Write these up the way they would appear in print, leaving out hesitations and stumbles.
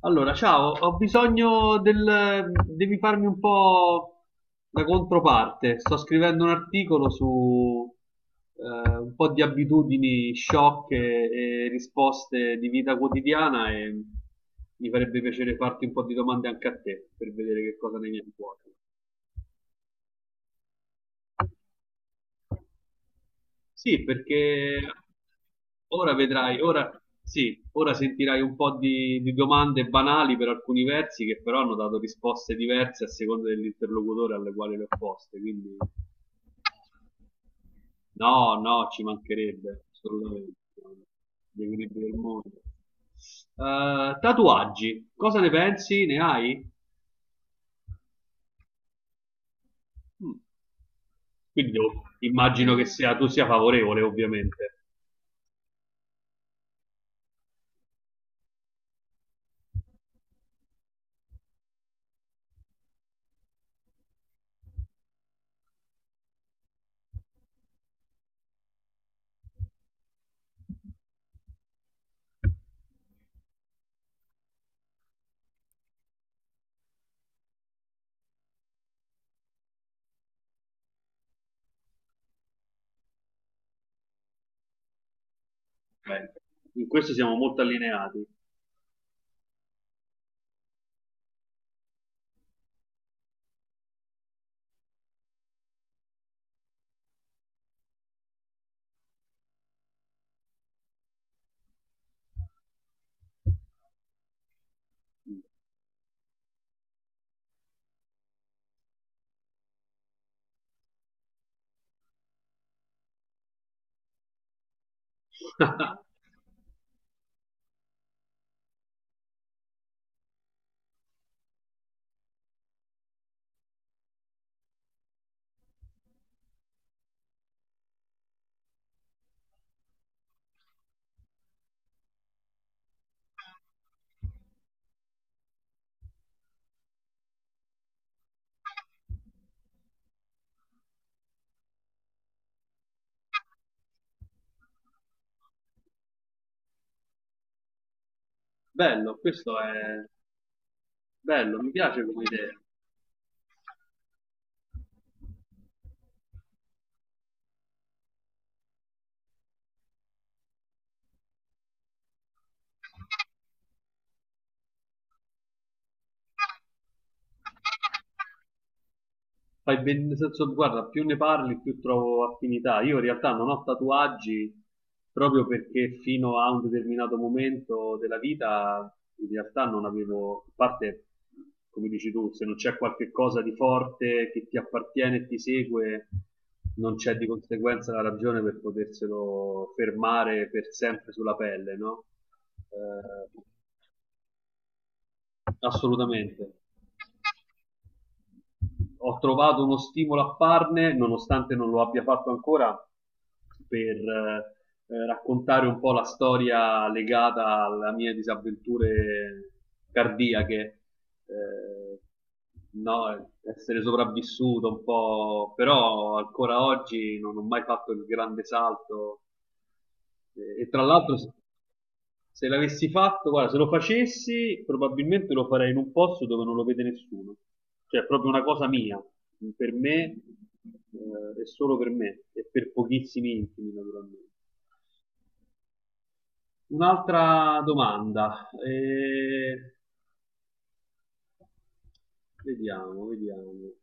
Allora, ciao, ho bisogno del... devi farmi un po' la controparte. Sto scrivendo un articolo su un po' di abitudini sciocche e risposte di vita quotidiana e mi farebbe piacere farti un po' di domande anche a te per vedere che cosa ne viene fuori. Sì, perché ora vedrai, ora, sì, ora sentirai un po' di domande banali per alcuni versi che però hanno dato risposte diverse a seconda dell'interlocutore alle quali le ho poste. Quindi no, no, ci mancherebbe assolutamente. Gli equilibri del mondo. Tatuaggi, cosa ne pensi? Ne hai? Mm. Immagino che sia, tu sia favorevole, ovviamente. Beh, in questo siamo molto allineati. Ah, bello, questo è bello, mi piace come idea. Fai ben, nel senso, guarda, più ne parli, più trovo affinità. Io in realtà non ho tatuaggi proprio perché fino a un determinato momento della vita, in realtà non avevo, a parte, come dici tu, se non c'è qualche cosa di forte che ti appartiene e ti segue, non c'è di conseguenza la ragione per poterselo fermare per sempre sulla pelle, no? Eh, assolutamente. Ho trovato uno stimolo a farne, nonostante non lo abbia fatto ancora, per raccontare un po' la storia legata alle mie disavventure cardiache. Eh, no, essere sopravvissuto un po', però ancora oggi non ho mai fatto il grande salto. E tra l'altro, se l'avessi fatto, guarda, se lo facessi, probabilmente lo farei in un posto dove non lo vede nessuno. Cioè, è proprio una cosa mia, per me, e solo per me, e per pochissimi intimi, naturalmente. Un'altra domanda, vediamo, vediamo.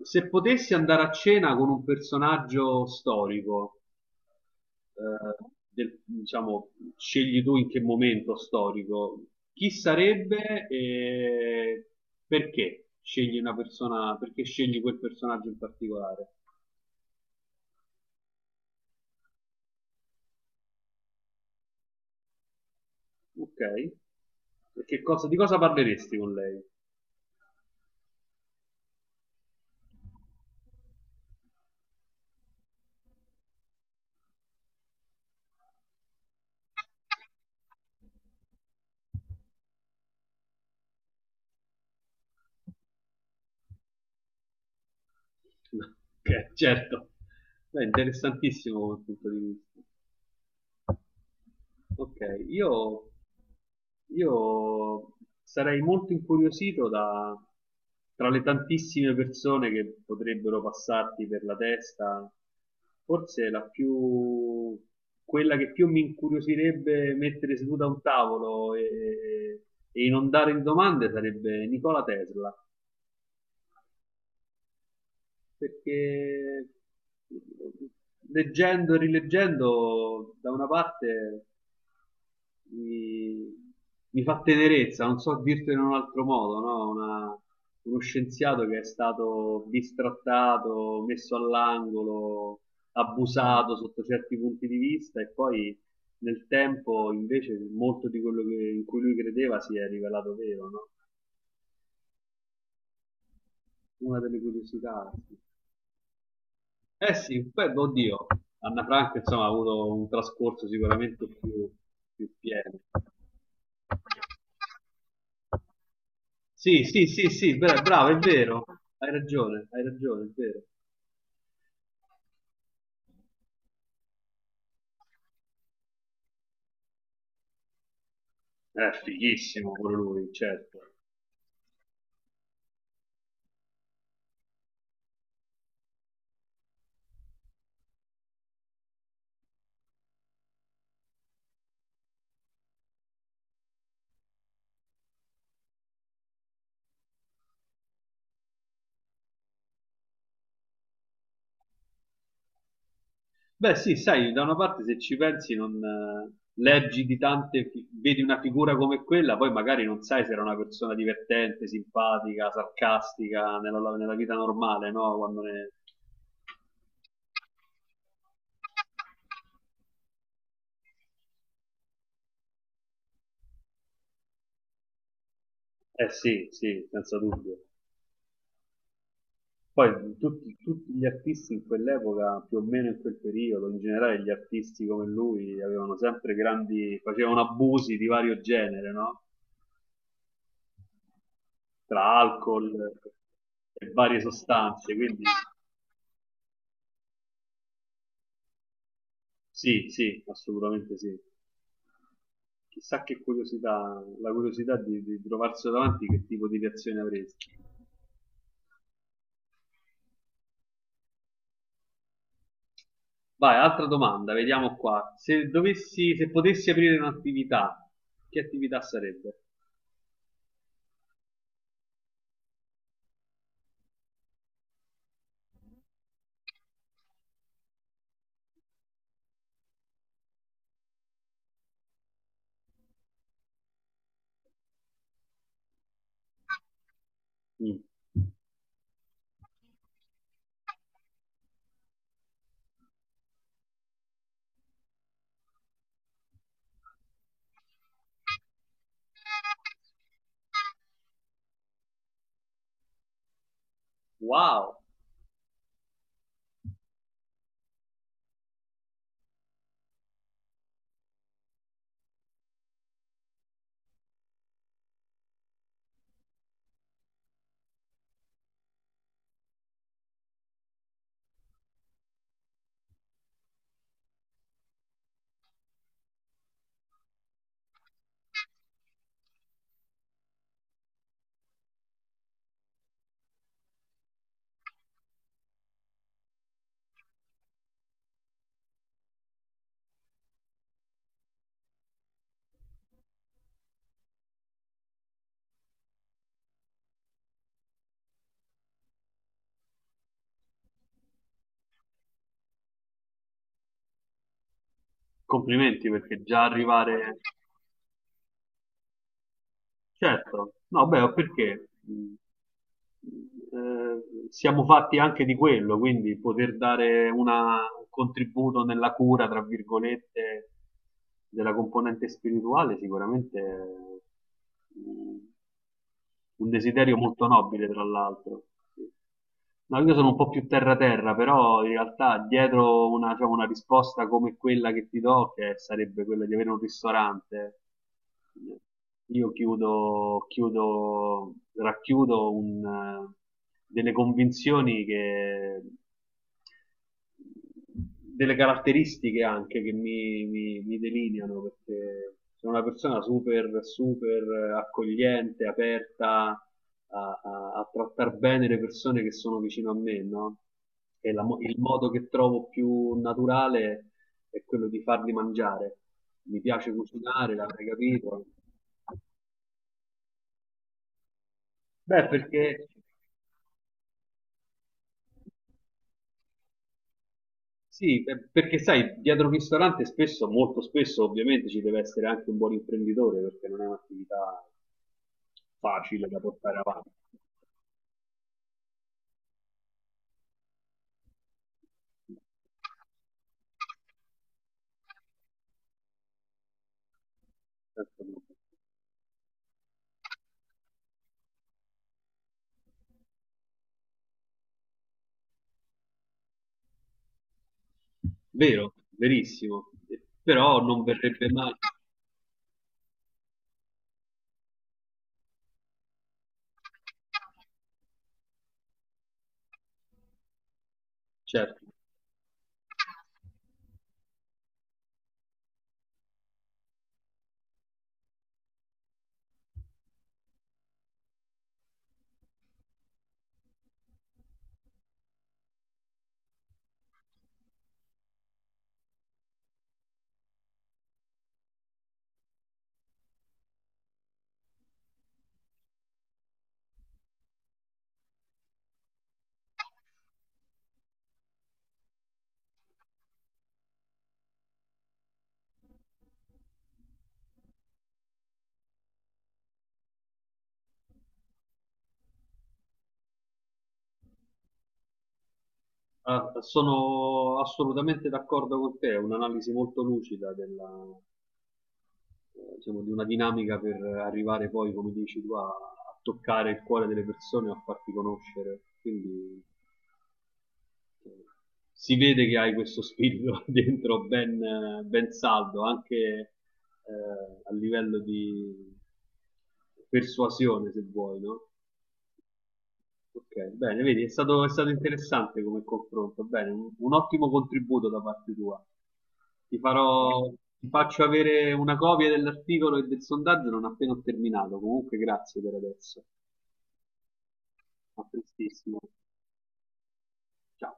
Se potessi andare a cena con un personaggio storico, diciamo, scegli tu in che momento storico, chi sarebbe e perché scegli una persona, perché scegli quel personaggio in particolare? Ok. E di cosa parleresti con lei? Ok, certo. Beh, interessantissimo come punto di vista. Ok, io, io sarei molto incuriosito da, tra le tantissime persone che potrebbero passarti per la testa, forse la più, quella che più mi incuriosirebbe mettere seduta a un tavolo e inondare di domande sarebbe Nicola Tesla, perché leggendo e rileggendo da una parte mi, mi fa tenerezza, non so dirtelo in un altro modo, no? Uno scienziato che è stato bistrattato, messo all'angolo, abusato sotto certi punti di vista e poi nel tempo invece molto di in cui lui credeva si è rivelato vero, no? Una delle curiosità. Sì. Eh sì, poi, oddio, Anna Frank insomma ha avuto un trascorso sicuramente più, più pieno. Sì, sì, sì, sì, bravo, è vero, hai ragione, è vero. È fighissimo pure lui, certo. Beh, sì, sai, da una parte se ci pensi non leggi di tante, vedi una figura come quella, poi magari non sai se era una persona divertente, simpatica, sarcastica nella vita normale, no? Quando ne... Eh sì, sì, senza dubbio. Poi tutti, tutti gli artisti in quell'epoca, più o meno in quel periodo, in generale gli artisti come lui avevano sempre grandi, facevano abusi di vario genere, no? Tra alcol e varie sostanze, quindi sì, sì, assolutamente sì. Chissà che curiosità, la curiosità di trovarselo davanti, che tipo di reazione avresti. Vai, altra domanda, vediamo qua. Se dovessi, se potessi aprire un'attività, che attività sarebbe? Mm. Wow! Complimenti perché già arrivare... Certo, no, beh, perché siamo fatti anche di quello, quindi poter dare un contributo nella cura, tra virgolette, della componente spirituale, sicuramente è un desiderio molto nobile, tra l'altro. Sì. No, io sono un po' più terra-terra, però in realtà dietro una, diciamo, una risposta come quella che ti do, che sarebbe quella di avere un ristorante, io racchiudo un, delle convinzioni che delle caratteristiche anche che mi delineano, perché sono una persona super, super accogliente, aperta a trattare bene le persone che sono vicino a me, no? E il modo che trovo più naturale è quello di farli mangiare. Mi piace cucinare, l'avrei capito. Beh, perché sì, beh, perché sai, dietro un ristorante spesso, molto spesso ovviamente ci deve essere anche un buon imprenditore perché non è un'attività facile da portare avanti. Certo, no. Vero, verissimo, eh, però non verrebbe mai, certo, ah, sono assolutamente d'accordo con te, è un'analisi molto lucida della, diciamo, di una dinamica per arrivare poi, come dici tu, a toccare il cuore delle persone, a farti conoscere, quindi si vede che hai questo spirito dentro ben, ben saldo, anche a livello di persuasione, se vuoi, no? Ok, bene, vedi, è stato interessante come confronto, bene, un ottimo contributo da parte tua. Ti farò, Ti faccio avere una copia dell'articolo e del sondaggio non appena ho terminato. Comunque, grazie per adesso. A prestissimo. Ciao.